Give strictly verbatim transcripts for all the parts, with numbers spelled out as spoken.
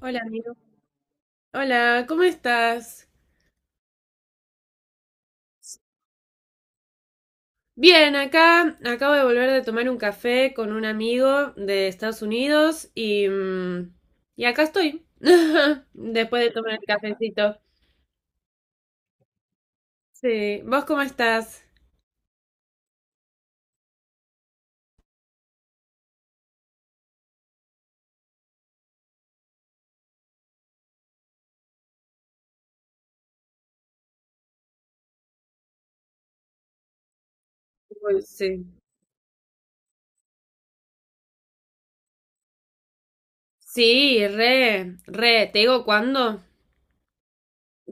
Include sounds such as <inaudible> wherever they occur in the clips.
Hola, amigo. Hola, ¿cómo estás? Bien, acá acabo de volver de tomar un café con un amigo de Estados Unidos y, mm, y acá estoy, <laughs> después de tomar el cafecito. Sí, ¿vos cómo estás? Uy, sí. Sí, re, re, te digo cuándo,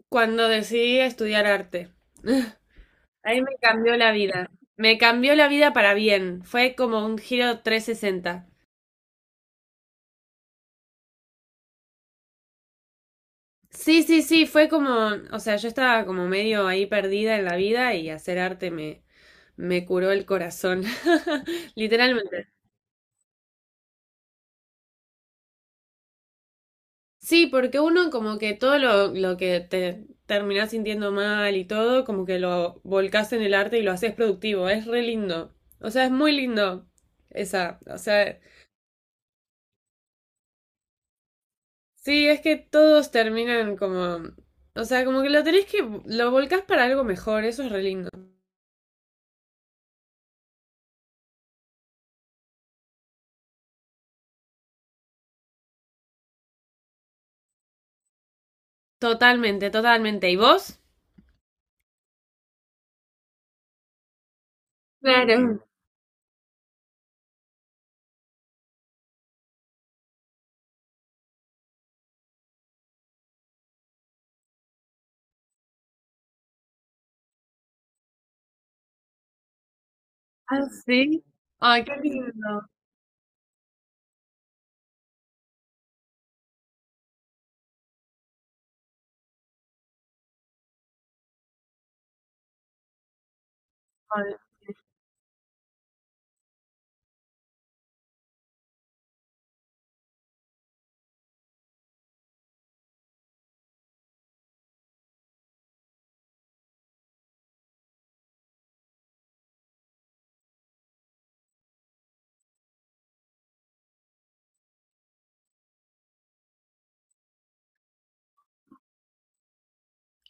cuando decidí estudiar arte. <laughs> Ahí me cambió la vida. Me cambió la vida para bien. Fue como un giro trescientos sesenta. Sí, sí, sí, fue como, o sea, yo estaba como medio ahí perdida en la vida y hacer arte me, me curó el corazón, <laughs> literalmente. Sí, porque uno como que todo lo, lo que te terminás sintiendo mal y todo, como que lo volcás en el arte y lo haces productivo, es re lindo. O sea, es muy lindo esa, o sea, sí, es que todos terminan como, o sea, como que lo tenés que, lo volcás para algo mejor, eso es re lindo. Totalmente, totalmente. ¿Y vos? Claro. Ah, sí. Ay, qué lindo. Ay,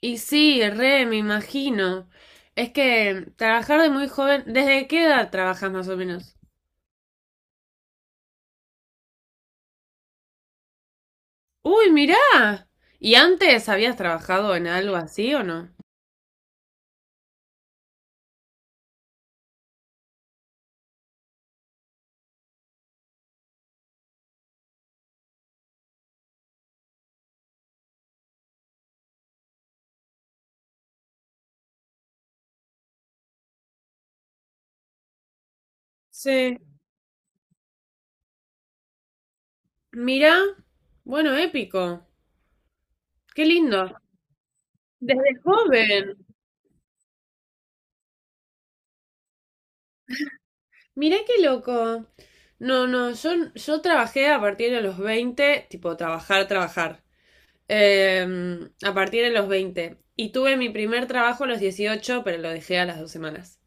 y sí, re, me imagino. Es que trabajar de muy joven, ¿desde qué edad trabajas más o menos? Uy, mirá. ¿Y antes habías trabajado en algo así o no? Sí. Mirá. Bueno, épico. Qué lindo. Desde joven. Mirá qué loco. No, no, yo, yo trabajé a partir de los veinte, tipo trabajar, trabajar. Em, a partir de los veinte, y tuve mi primer trabajo a los dieciocho pero lo dejé a las dos semanas.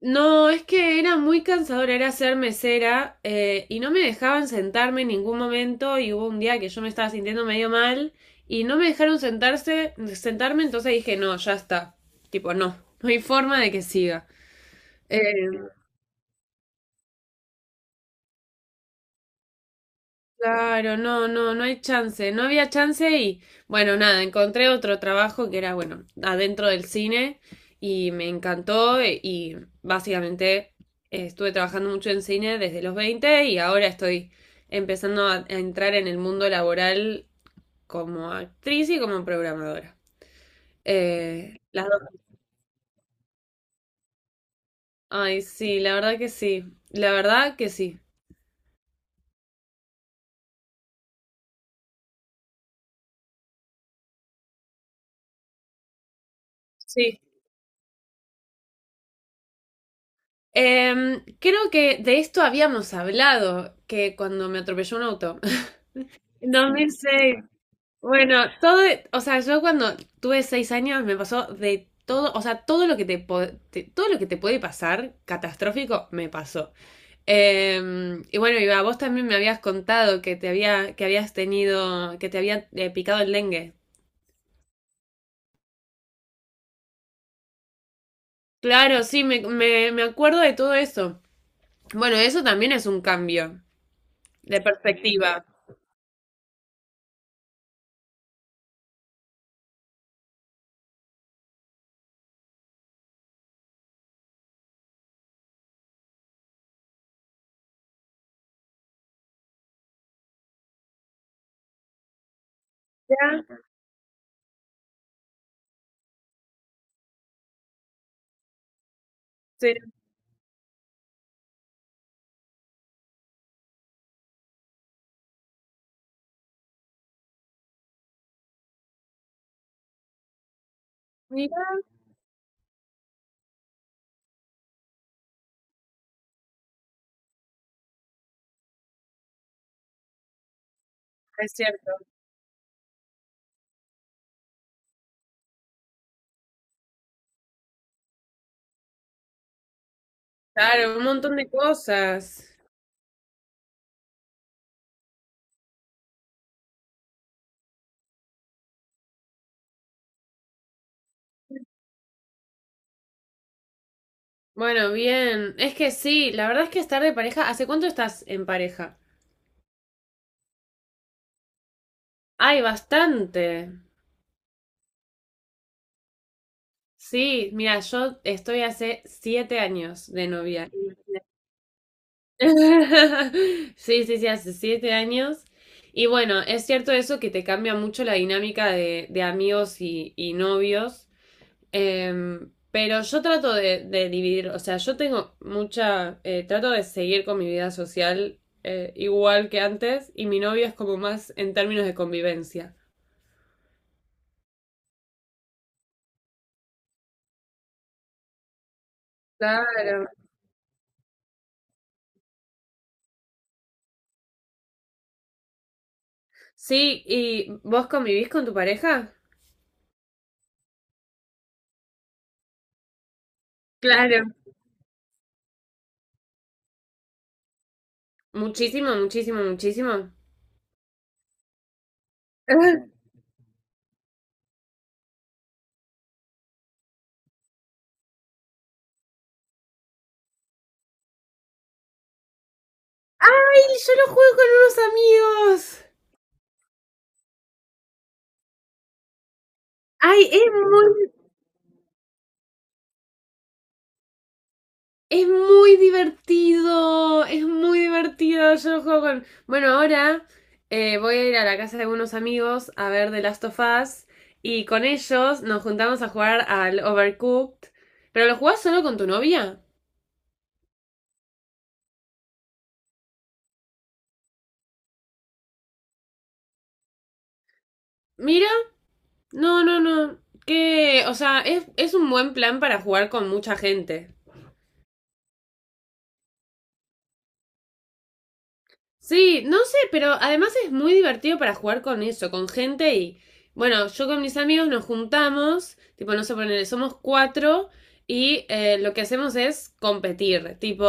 No, es que era muy cansador, era ser mesera, eh, y no me dejaban sentarme en ningún momento y hubo un día que yo me estaba sintiendo medio mal y no me dejaron sentarse, sentarme, entonces dije, no, ya está. Tipo, no, no hay forma de que siga. Eh, Claro, no, no, no hay chance, no había chance y bueno, nada, encontré otro trabajo que era, bueno, adentro del cine y me encantó e- y básicamente eh, estuve trabajando mucho en cine desde los veinte y ahora estoy empezando a, a entrar en el mundo laboral como actriz y como programadora. Eh, las dos. Ay, sí, la verdad que sí, la verdad que sí. Sí. Em, creo que de esto habíamos hablado, que cuando me atropelló un auto. Dos mil seis. Bueno, todo, o sea, yo cuando tuve seis años me pasó de todo, o sea, todo lo que te, po- te- todo lo que te puede pasar catastrófico me pasó. Eh, y bueno, iba, vos también me habías contado que te había, que habías tenido, que te había eh, picado el dengue. Claro, sí, me, me, me acuerdo de todo eso. Bueno, eso también es un cambio de perspectiva. Ya, se mira, es cierto. Claro, un montón de cosas. Bueno, bien. Es que sí, la verdad es que estar de pareja. ¿Hace cuánto estás en pareja? Ay, bastante. Sí, mira, yo estoy hace siete años de novia. <laughs> Sí, sí, sí, hace siete años. Y bueno, es cierto eso que te cambia mucho la dinámica de, de amigos y, y novios. Em, pero yo trato de, de dividir, o sea, yo tengo mucha, eh, trato de seguir con mi vida social, eh, igual que antes, y mi novio es como más en términos de convivencia. Claro. Sí, ¿y vos convivís con tu pareja? Claro. Muchísimo, muchísimo, muchísimo. <laughs> Ay, yo lo juego con unos amigos. Ay es muy Es muy divertido, es muy divertido. Yo lo juego con, bueno, ahora eh, voy a ir a la casa de unos amigos a ver The Last of Us y con ellos nos juntamos a jugar al Overcooked. ¿Pero lo jugás solo con tu novia? Mira, no, no, no. Que, o sea, es, es un buen plan para jugar con mucha gente. Sí, no sé, pero además es muy divertido para jugar con eso, con gente, y bueno, yo con mis amigos nos juntamos, tipo, no sé, ponele, somos cuatro y eh, lo que hacemos es competir, tipo,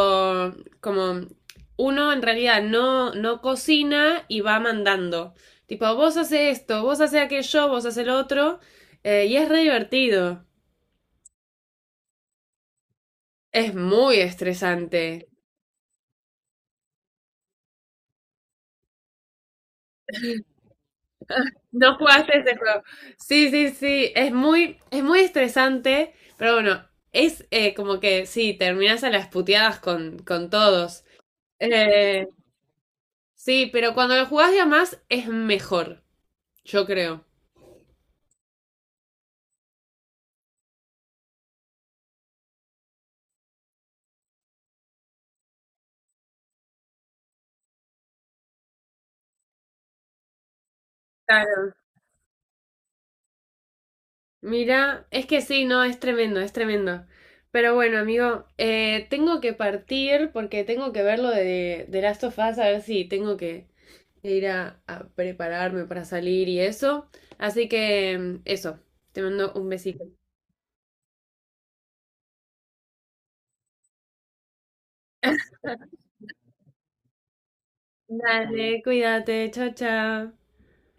como uno en realidad no, no cocina y va mandando, tipo, vos haces esto, vos haces aquello, vos haces el otro, eh, y es re divertido, es muy estresante. No jugaste ese juego. Sí, sí, sí. Es muy, es muy estresante, pero bueno, es, eh, como que sí, terminás a las puteadas con, con todos. Eh, sí, pero cuando lo jugás de a más es mejor, yo creo. Claro. Mira, es que sí, no, es tremendo, es tremendo. Pero bueno, amigo, eh, tengo que partir porque tengo que ver lo de, de Last of Us, a ver si tengo que ir a, a prepararme para salir y eso. Así que mm, eso, te mando un besito. Dale, cuídate, chao, chao.